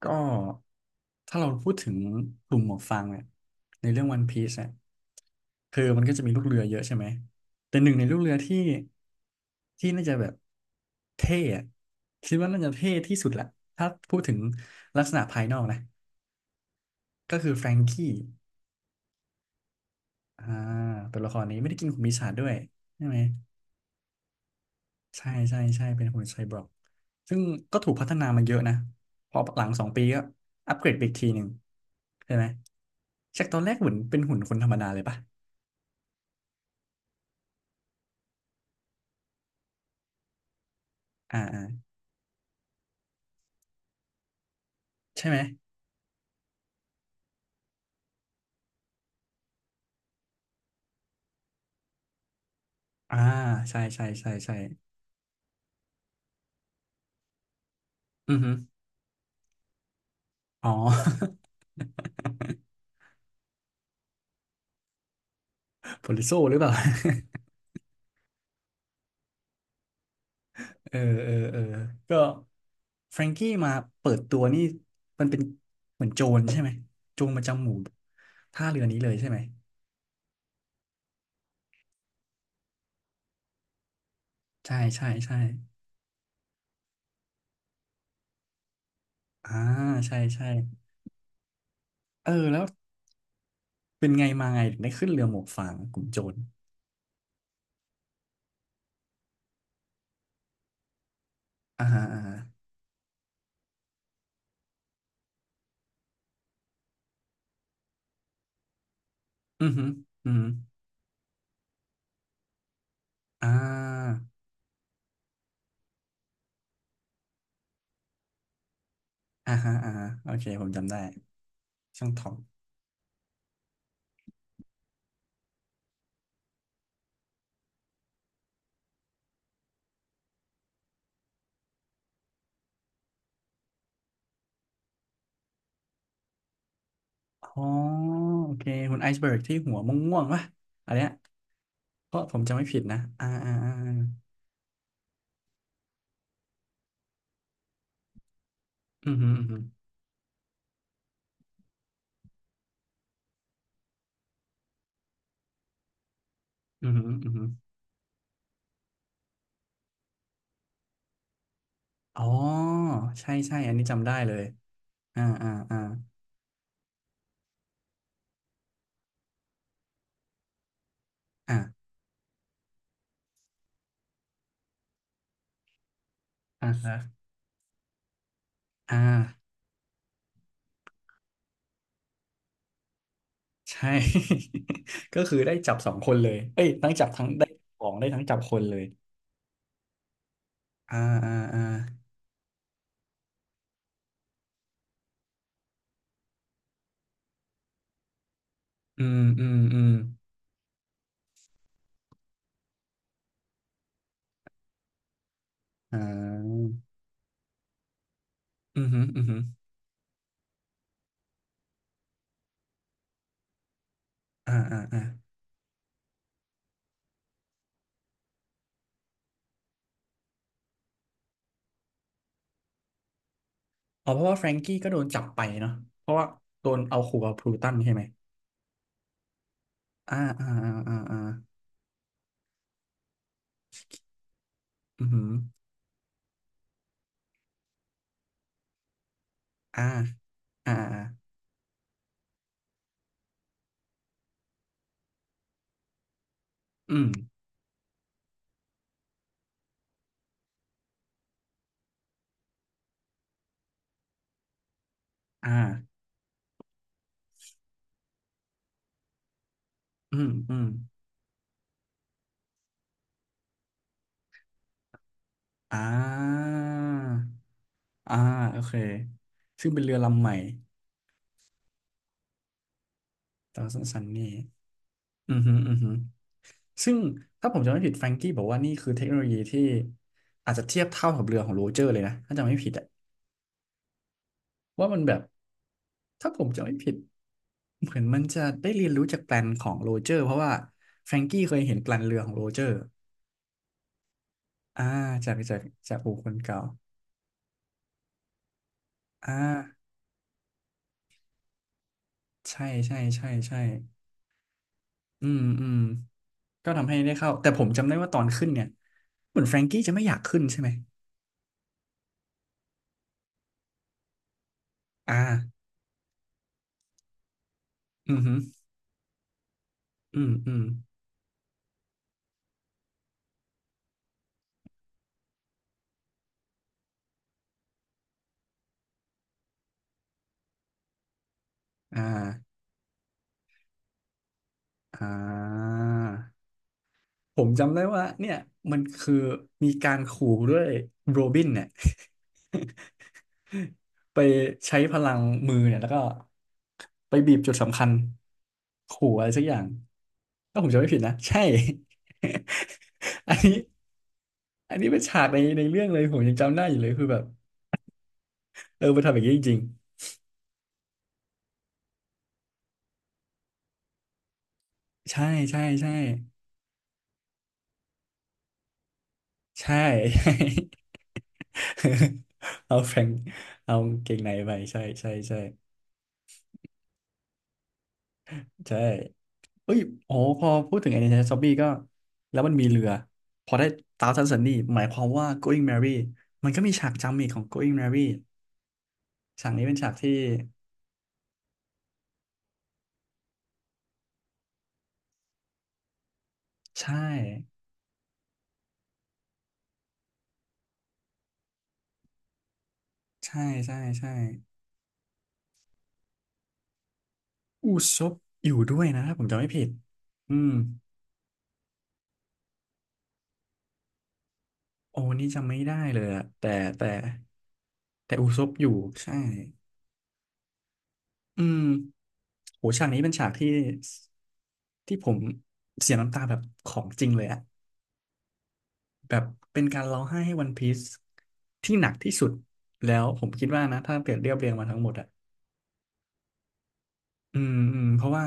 ก็ถ้าเราพูดถึงกลุ่มหมวกฟางเนี่ยในเรื่องวันพีซเนี่ยคือมันก็จะมีลูกเรือเยอะใช่ไหมแต่หนึ่งในลูกเรือที่ที่น่าจะแบบเท่อะคิดว่าน่าจะเท่ที่สุดแหละถ้าพูดถึงลักษณะภายนอกนะก็คือแฟรงกี้อ่าตัวละครนี้ไม่ได้กินของปีศาจด้วยใช่ไหม ใช่ใช่ใช่เป็นหุ่นไซบอร์กซึ่งก็ถูกพัฒนามาเยอะนะพอหลังสองปีก็อัปเกรดไปอีกทีหนึ่งใช่ไหม จากตอนแรกเหมือนเป็นหุ่นคนธรรมดาเลยปะอ่าอ่าใช่ไหม อ่าใช่ใช่ใช่ใช่อือฮึอ๋อ โพลิโซหรือเปล่า เออเออเออก็แฟรงกี้มาเปิดตัวนี่มันเป็นเหมือนโจรใช่ไหม โจรประจำหมู่ท่าเรือนี้เลยใช่ไหมใช่ใช่ใช่อ่าใช่ใช่เออแล้ว เป็นไงมาไงถึงได้ขึ้นเรือหมวกฟางกลุ่มโจรอ่าฮะอ่าฮะอือฮึอือฮึอ่าอ่าฮะอ่าฮะโอเคผมจำได้ช่างทองอ๋อโอเคคุณไอซ์เบิร์กที่หัวม่วงๆป่ะอันเนี้ยเพราะผมจำไม่ผิดนะอ่าอ่าอ่าอือฮึอือฮึอือฮึอือฮึอ๋อใช่ใช่อันนี้จำได้เลยอ่าอ่าอ่าอ่าอ่าฮะอ่าใช่ ก็คือได้จับสองคนเลยเอ้ยทั้งจับทั้งได้ของได้ทั้งจับคนเลยอ่าอ่าอ่า อืมอืมอืมอ่าอืมอหืออือหืออ่าอ่าอ่าอ๋อเพราะว่าแฟรงกี้ก็โดนจับไปเนาะเพราะว่าโดนเอาขู่กับพลูตันใช่ไหมอ่าอ่าอ่าอ่าอ่าอือหืออ่าอ่าอ่าอืมอ่าอืมอืมอ่าอ่าโอเคซึ่งเป็นเรือลำใหม่ตอนสั้นๆนี่อือหืออือหือซึ่งถ้าผมจำไม่ผิดแฟรงกี้บอกว่านี่คือเทคโนโลยีที่อาจจะเทียบเท่ากับเรือของโรเจอร์เลยนะถ้าจำไม่ผิดอะว่ามันแบบถ้าผมจำไม่ผิด เหมือนมันจะได้เรียนรู้จากแปลนของโรเจอร์เพราะว่าแฟรงกี้เคยเห็นแปลนเรือของโรเจอร์อ่าจากจากจากบุคคลเก่าอ่าใช่ใช่ใช่ใช่อืมอืมก็ทำให้ได้เข้าแต่ผมจำได้ว่าตอนขึ้นเนี่ยเหมือนแฟรงกี้จะไม่อยากขึ้นใช่ไหมอ่าอืมอหืออืมอืมอ่าอ่าผมจำได้ว่าเนี่ยมันคือมีการขู่ด้วยโรบินเนี่ย ไปใช้พลังมือเนี่ยแล้วก็ไปบีบจุดสำคัญขู่อะไรสักอย่างถ้าผมจำไม่ผิดนะใช่ อันนี้อันนี้เป็นฉากในในเรื่องเลยผมยังจำได้อยู่เลยคือแบบเออมันทำอย่างนี้จริงๆใช่ใช่ใช่ใช่ ใช่ เอาแฟรงค์เอากางเกงในไปใช่ใช่ใช่ใช่ เอ้ยโอ้พอพูดถึง Identity Zombie ก็แล้วมันมีเรือพอได้ Thousand Sunny หมายความว่า Going Merry มันก็มีฉากจำอีกของ Going Merry ฉากนี้เป็นฉากที่ใช่ใช่ใช่ใช่อูซบอยู่ด้วยนะถ้าผมจำไม่ผิดอืมโอ้นี่จำไม่ได้เลยอะแต่แต่แต่อูซบอยู่ใช่อืมโหฉากนี้เป็นฉากที่ที่ผมเสียน้ำตาแบบของจริงเลยอะ แบบเป็นการร้องไห้ให้วันพีซที่หนักที่สุดแล้วผมคิดว่านะถ้าเกิดเรียบเรียงมาทั้งหมดอ่ะอืมอืมเพราะว่า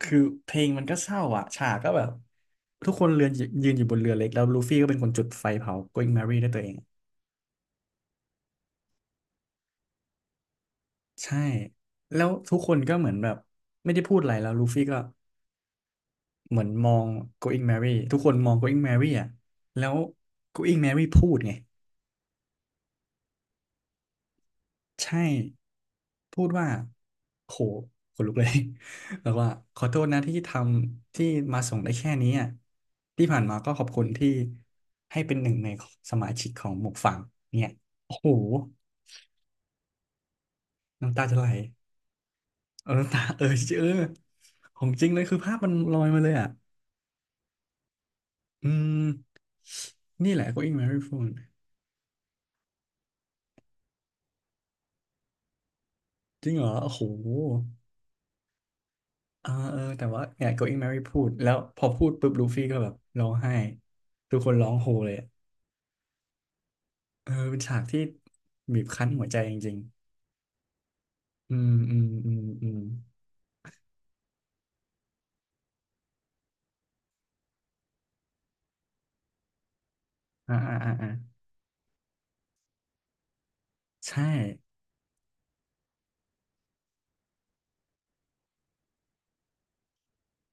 คือเพลงมันก็เศร้าอ่ะฉากก็แบบทุกคนเรือนยืนอยู่บนเรือเล็กแล้วลูฟี่ก็เป็นคนจุดไฟเผา Going Merry ได้วยตัวเองใช่แล้วทุกคนก็เหมือนแบบไม่ได้พูดอะไรแล้วลูฟี่ก็เหมือนมอง Going Merry ทุกคนมอง Going Merry อ่ะแล้ว Going Merry พูดไง ใช่ พูดว่า โหขนลุกเลย แล้วว่าขอโทษนะที่ทำที่มาส่งได้แค่นี้อ่ะ ที่ผ่านมาก็ขอบคุณที่ให้เป็นหนึ่งในสมาชิกของหมวกฝั่งเนี่ยโอ้โห น้ำตาจะไหลเออน้ำตาเออเออ ของจริงเลยคือภาพมันลอยมาเลยอ่ะ อืม นี่แหละ Going Merry พูดจริงเหรอโอ้โหอ่าเออแต่ว่าเนี่ย Going Merry พูดแล้วพอพูดปุ๊บลูฟี่ก็แบบร้องไห้ทุกคนร้องโฮเลย เออเป็นฉากที่บีบคั้นหัวใจจริงๆอืมอืมอืมอืมอ่าอ่าอ่าอ่าใช่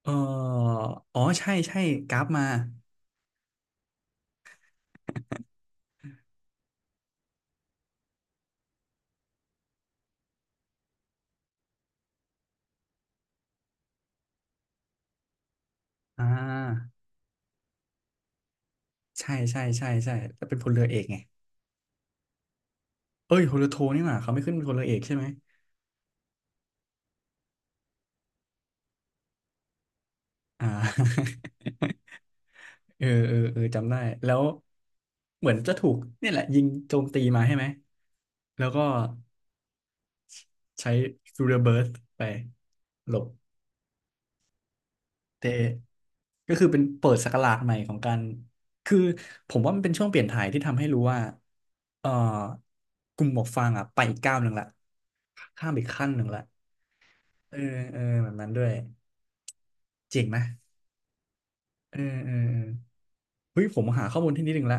เอออ๋อใช่ใช่กราฟมาอ่าใช่ใช่ใช่ใช่แล้วเป็นพลเรือเอกไงเอ้ยพลเรือโทนี่หว่าเขาไม่ขึ้นเป็นพลเรือเอกใช่ไหมอ่า เออเออเออจำได้แล้วเหมือนจะถูกเนี่ยแหละยิงโจมตีมาใช่ไหมแล้วก็ใช้ฟิวเ e อร์เบิร์สไปหลบ เตะก็คือเป็นเปิดศักราชใหม่ของการคือผมว่ามันเป็นช่วงเปลี่ยนถ่ายที่ทำให้รู้ว่าเอ่อกลุ่มหมวกฟางอ่ะไปอีกก้าวหนึ่งละข้ามอีกขั้นหนึ่งละเออเออแบบนั้นด้วยเจ๋งไหมเออเออเออเฮ้ยผมหาข้อมูลที่นิดหนึ่งละ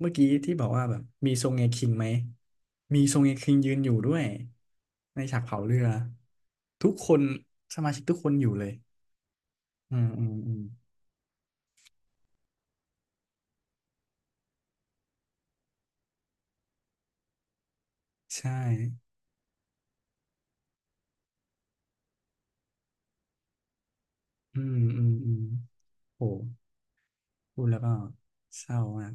เมื่อกี้ที่บอกว่าแบบมีทรงเงคิงไหมมีทรงเงคิงยืนอยู่ด้วยในฉากเผาเรือทุกคนสมาชิกทุกคนอยู่เลยอืมอืมอืมใช่อืมอืมอืมโห พูดแล้วก็เศร้ามาก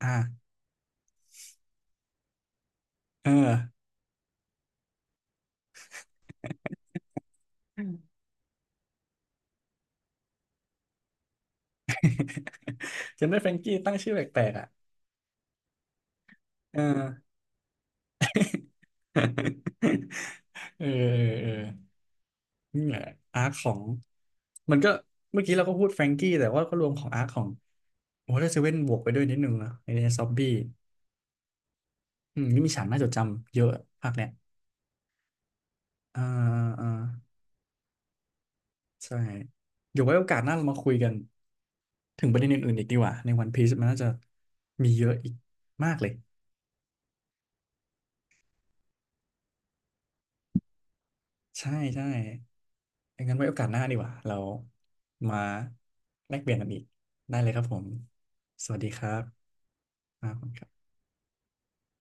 อ่ะเออจำได้แฟรงกี้ตั้งชื่อแปลกๆอ่ะเออ เออเออเออนี่แหละอาร์คของมันก็ เมื่อกี้เราก็พูดแฟรงกี้แต่ว่าก็รวมของอาร์คของวอเตอร์เซเว่นบวกไปด้วยนิดนึงนะในซอบบี้อืมนี่มีฉากน่าจดจำเยอะภาคเนี้ยอ่าอ่าใช่เดี๋ยวไว้โอกาสหน้าเรามาคุยกันถึงประเด็นอื่นๆอีกดีกว่าในวันพีซมันน่าจะมีเยอะอีกมากเลย ใช่ใช่งั้นไว้โอกาสหน้าดีกว่าเรามาแลกเปลี่ยนกันอีกได้เลยครับผม สวัสดีครับครับ